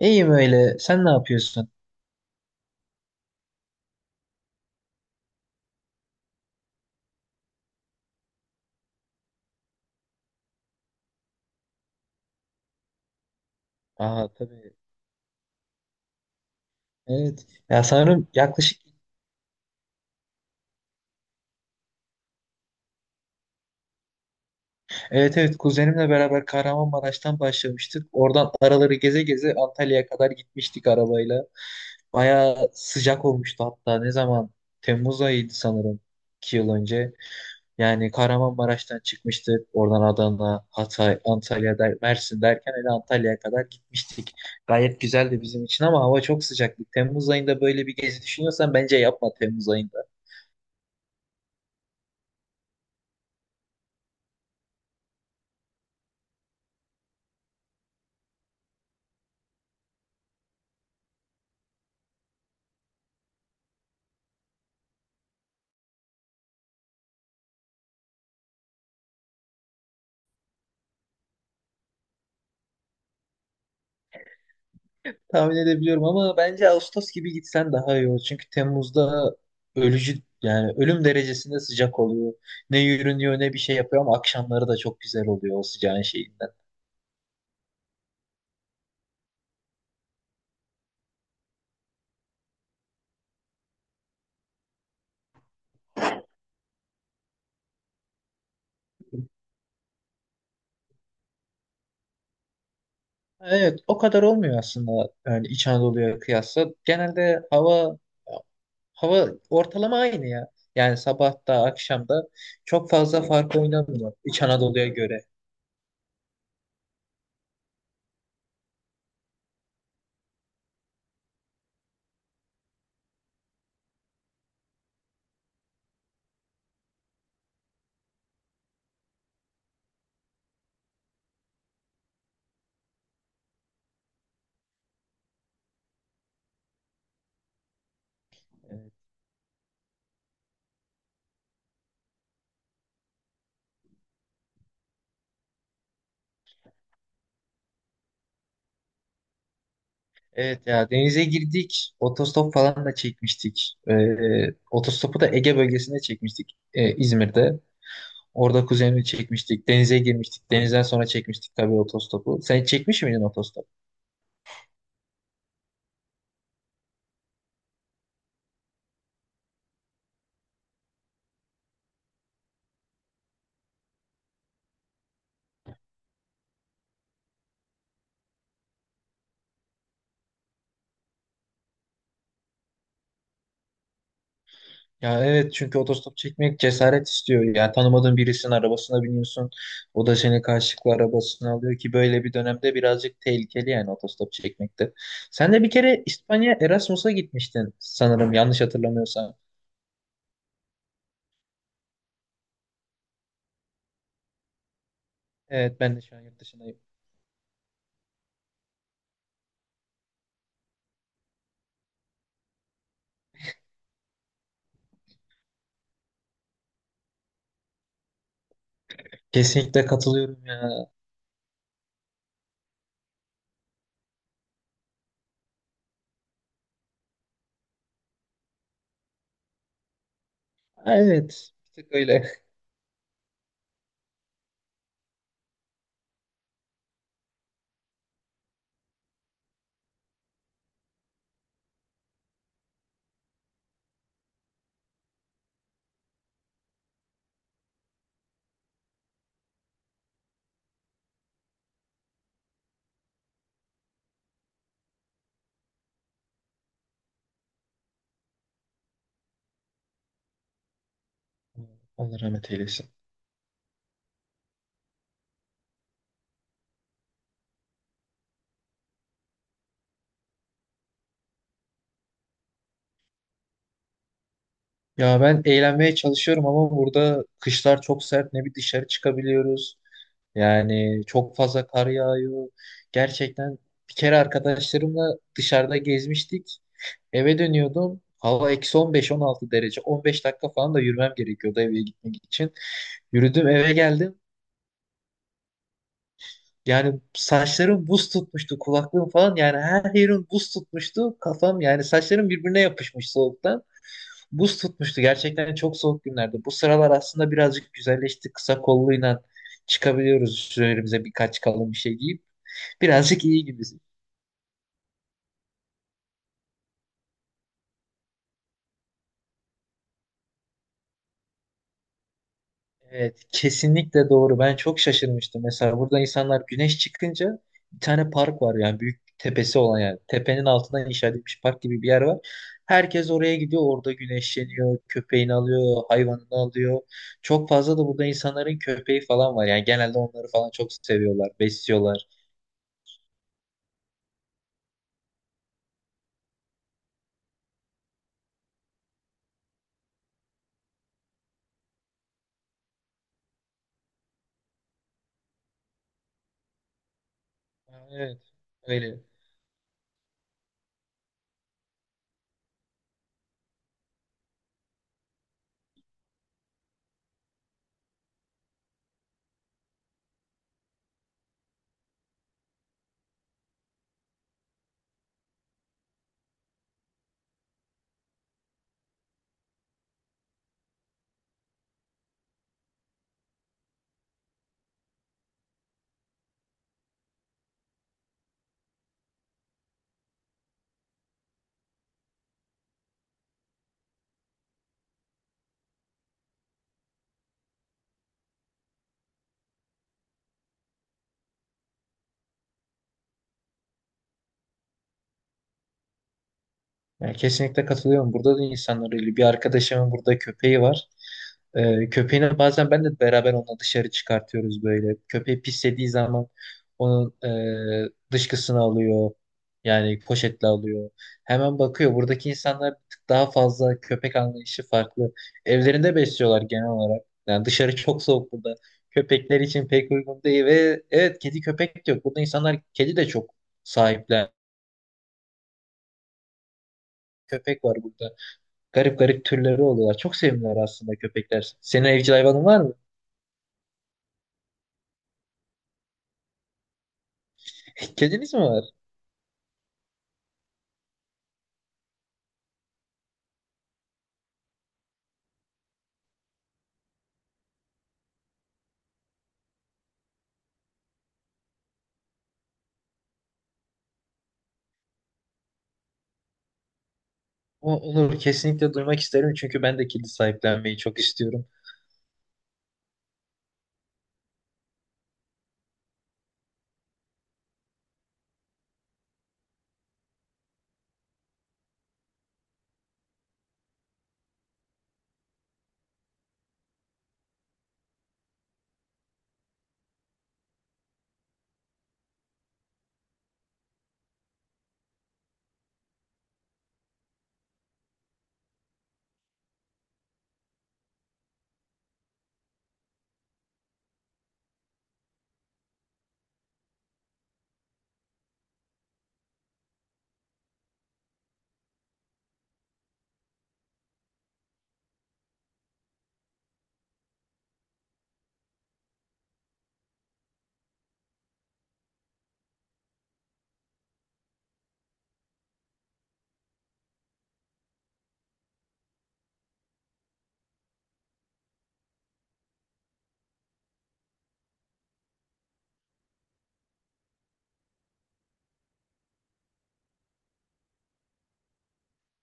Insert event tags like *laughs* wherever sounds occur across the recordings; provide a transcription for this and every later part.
İyiyim öyle. Sen ne yapıyorsun? Aa, tabii. Evet. Ya sanırım yaklaşık. Evet, evet, kuzenimle beraber Kahramanmaraş'tan başlamıştık. Oradan araları geze geze Antalya'ya kadar gitmiştik arabayla. Bayağı sıcak olmuştu hatta. Ne zaman? Temmuz ayıydı sanırım. 2 yıl önce. Yani Kahramanmaraş'tan çıkmıştık. Oradan Adana, Hatay, Antalya, Mersin derken hele Antalya'ya kadar gitmiştik. Gayet güzeldi bizim için ama hava çok sıcaktı. Temmuz ayında böyle bir gezi düşünüyorsan bence yapma Temmuz ayında. Tahmin edebiliyorum ama bence Ağustos gibi gitsen daha iyi olur. Çünkü Temmuz'da ölücü, yani ölüm derecesinde sıcak oluyor. Ne yürünüyor ne bir şey yapıyor ama akşamları da çok güzel oluyor o sıcağın şeyinden. Evet, o kadar olmuyor aslında, yani İç Anadolu'ya kıyasla. Genelde hava ortalama aynı ya. Yani sabah da akşam da çok fazla fark oynamıyor İç Anadolu'ya göre. Evet ya, denize girdik. Otostop falan da çekmiştik. Otostopu da Ege bölgesinde çekmiştik, İzmir'de. Orada kuzenimi çekmiştik. Denize girmiştik. Denizden sonra çekmiştik tabii otostopu. Sen hiç çekmiş miydin otostop? Ya evet, çünkü otostop çekmek cesaret istiyor. Yani tanımadığın birisinin arabasına biniyorsun. O da seni karşılıklı arabasına alıyor ki böyle bir dönemde birazcık tehlikeli yani otostop çekmekte. Sen de bir kere İspanya Erasmus'a gitmiştin sanırım, yanlış hatırlamıyorsam. Evet, ben de şu an yurt dışındayım. Kesinlikle katılıyorum ya. Evet, bir tık öyle. Allah rahmet eylesin. Ya ben eğlenmeye çalışıyorum ama burada kışlar çok sert. Ne bir dışarı çıkabiliyoruz. Yani çok fazla kar yağıyor. Gerçekten bir kere arkadaşlarımla dışarıda gezmiştik. Eve dönüyordum. Hava eksi 15-16 derece. 15 dakika falan da yürümem gerekiyordu eve gitmek için. Yürüdüm eve geldim. Yani saçlarım buz tutmuştu, kulaklığım falan, yani her yerim buz tutmuştu. Kafam, yani saçlarım birbirine yapışmış soğuktan. Buz tutmuştu. Gerçekten çok soğuk günlerdi. Bu sıralar aslında birazcık güzelleşti. Kısa kolluyla çıkabiliyoruz üzerimize birkaç kalın bir şey giyip. Birazcık iyi gibi. Evet, kesinlikle doğru. Ben çok şaşırmıştım. Mesela burada insanlar güneş çıkınca bir tane park var, yani büyük tepesi olan, yani tepenin altından inşa edilmiş park gibi bir yer var. Herkes oraya gidiyor, orada güneşleniyor, köpeğini alıyor, hayvanını alıyor. Çok fazla da burada insanların köpeği falan var. Yani genelde onları falan çok seviyorlar, besliyorlar. Evet, öyle. Yani kesinlikle katılıyorum. Burada da insanlar öyle. Bir arkadaşımın burada köpeği var. Köpeğini bazen ben de beraber onunla dışarı çıkartıyoruz böyle. Köpeği pislediği zaman onun dışkısını alıyor. Yani poşetle alıyor. Hemen bakıyor. Buradaki insanlar bir tık daha fazla, köpek anlayışı farklı. Evlerinde besliyorlar genel olarak. Yani dışarı çok soğuk burada. Köpekler için pek uygun değil ve evet, kedi köpek de yok. Burada insanlar kedi de çok sahiplen. Köpek var burada. Garip garip türleri oluyorlar. Çok sevimliler aslında köpekler. Senin evcil hayvanın var mı? *laughs* Kediniz mi var? O, olur, kesinlikle duymak isterim çünkü ben de kedi sahiplenmeyi çok istiyorum.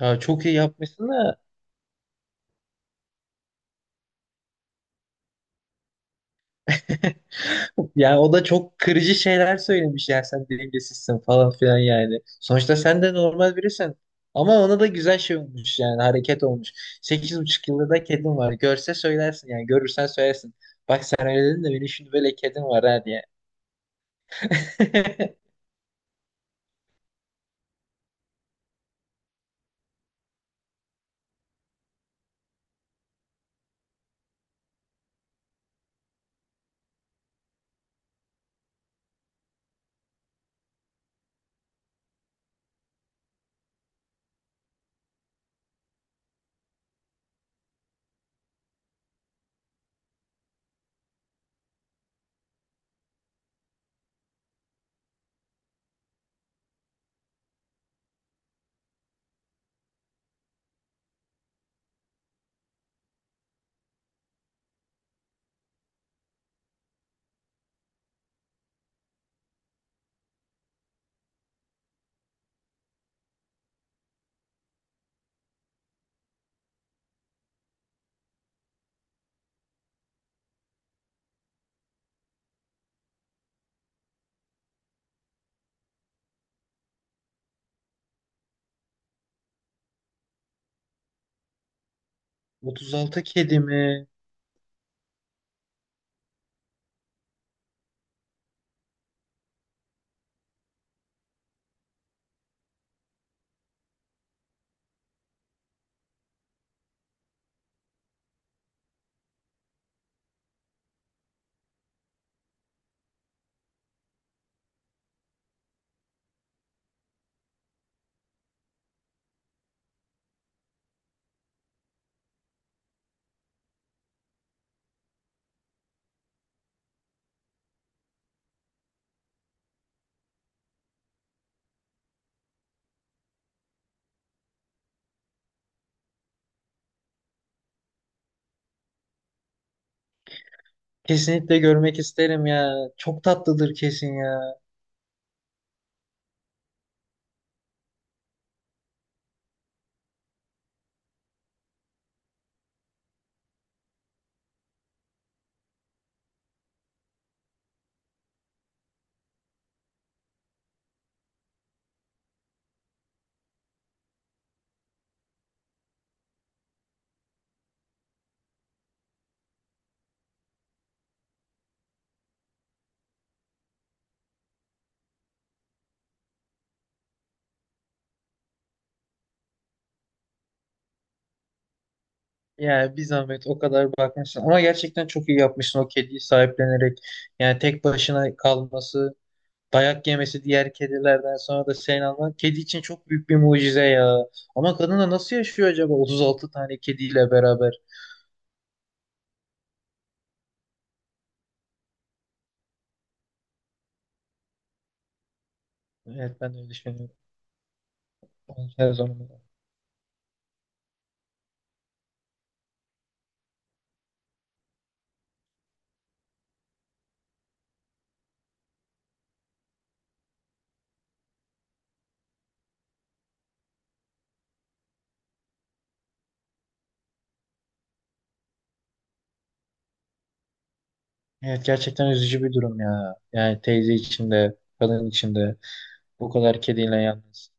Ya çok iyi yapmışsın da. *laughs* Yani o da çok kırıcı şeyler söylemiş ya, sen dengesizsin falan filan yani. Sonuçta sen de normal birisin. Ama ona da güzel şey olmuş, yani hareket olmuş. 8,5 yıldır da kedim var. Görse söylersin, yani görürsen söylersin. Bak sen öyle dedin de benim şimdi böyle kedim var ha diye. *laughs* 36 kedimi kesinlikle görmek isterim ya. Çok tatlıdır kesin ya. Yani bir zahmet o kadar bakmışsın. Ama gerçekten çok iyi yapmışsın o kediyi sahiplenerek. Yani tek başına kalması. Dayak yemesi diğer kedilerden sonra da sen alman. Kedi için çok büyük bir mucize ya. Ama kadın da nasıl yaşıyor acaba 36 tane kediyle beraber? Evet, ben de öyle düşünüyorum. Ben her zaman. Evet, gerçekten üzücü bir durum ya. Yani teyze için de, kadın için de bu kadar kediyle yalnız.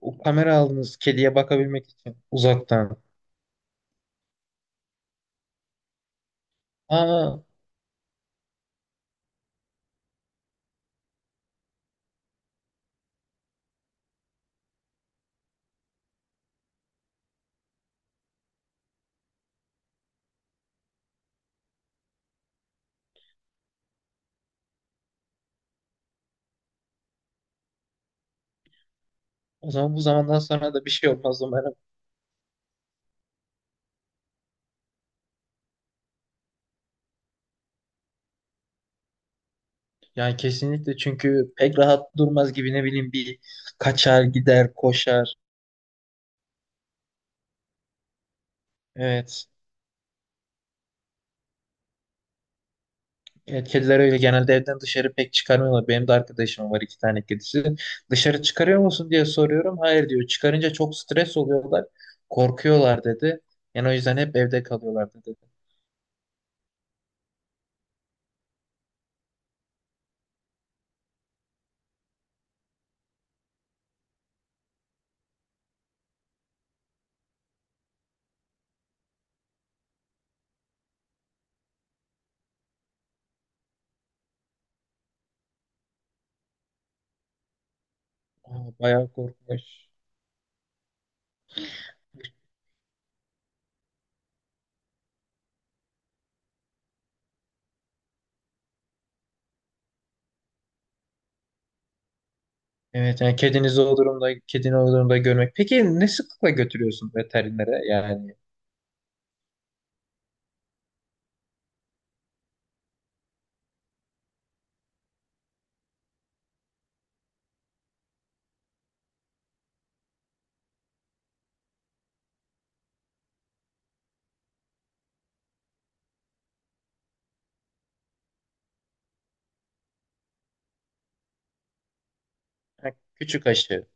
O kamera aldınız kediye bakabilmek için uzaktan. Aa, o zaman bu zamandan sonra da bir şey olmaz umarım. Yani kesinlikle, çünkü pek rahat durmaz gibi, ne bileyim, bir kaçar, gider, koşar. Evet. Evet, kediler öyle genelde, evden dışarı pek çıkarmıyorlar. Benim de arkadaşım var, iki tane kedisi. Dışarı çıkarıyor musun diye soruyorum. Hayır diyor. Çıkarınca çok stres oluyorlar. Korkuyorlar dedi. Yani o yüzden hep evde kalıyorlar dedi. Aa, bayağı korkmuş. Evet, yani kedinizi o durumda, kedini o durumda görmek. Peki ne sıklıkla götürüyorsun veterinere yani? Ha, küçük aşı.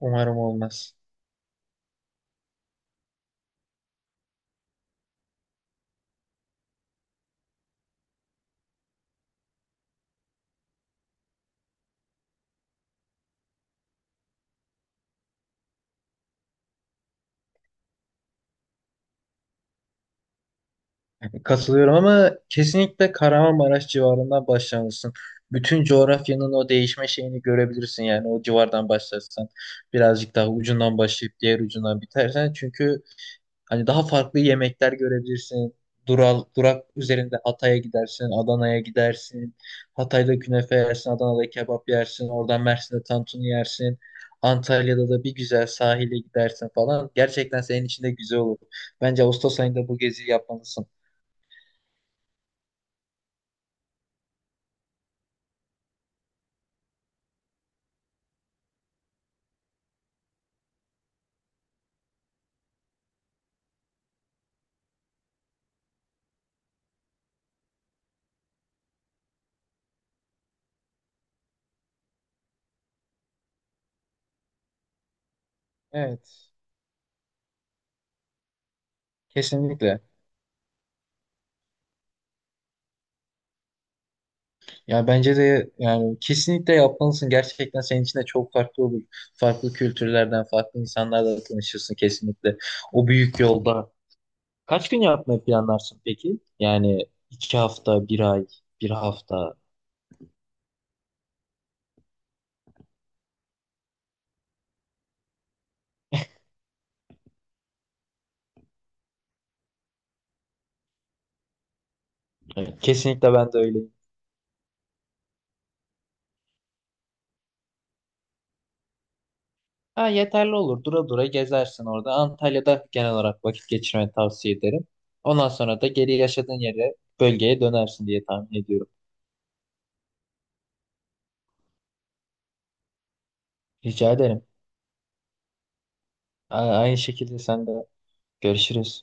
Umarım olmaz. Katılıyorum, ama kesinlikle Kahramanmaraş civarından başlamalısın. Bütün coğrafyanın o değişme şeyini görebilirsin, yani o civardan başlarsan birazcık daha ucundan başlayıp diğer ucundan bitersen, çünkü hani daha farklı yemekler görebilirsin. Durak üzerinde Hatay'a gidersin, Adana'ya gidersin. Hatay'da künefe yersin, Adana'da kebap yersin, oradan Mersin'de tantuni yersin. Antalya'da da bir güzel sahile gidersin falan. Gerçekten senin için de güzel olur. Bence Ağustos ayında bu geziyi yapmalısın. Evet. Kesinlikle. Ya bence de, yani kesinlikle yapmalısın. Gerçekten senin için de çok farklı olur. Farklı kültürlerden, farklı insanlarla tanışırsın kesinlikle. O büyük yolda. Kaç gün yapmayı planlarsın peki? Yani 2 hafta, bir ay, bir hafta. Evet, kesinlikle ben de öyleyim. Ha, yeterli olur. Dura dura gezersin orada. Antalya'da genel olarak vakit geçirmeni tavsiye ederim. Ondan sonra da geri yaşadığın yere, bölgeye dönersin diye tahmin ediyorum. Rica ederim. Aynı şekilde sen de. Görüşürüz.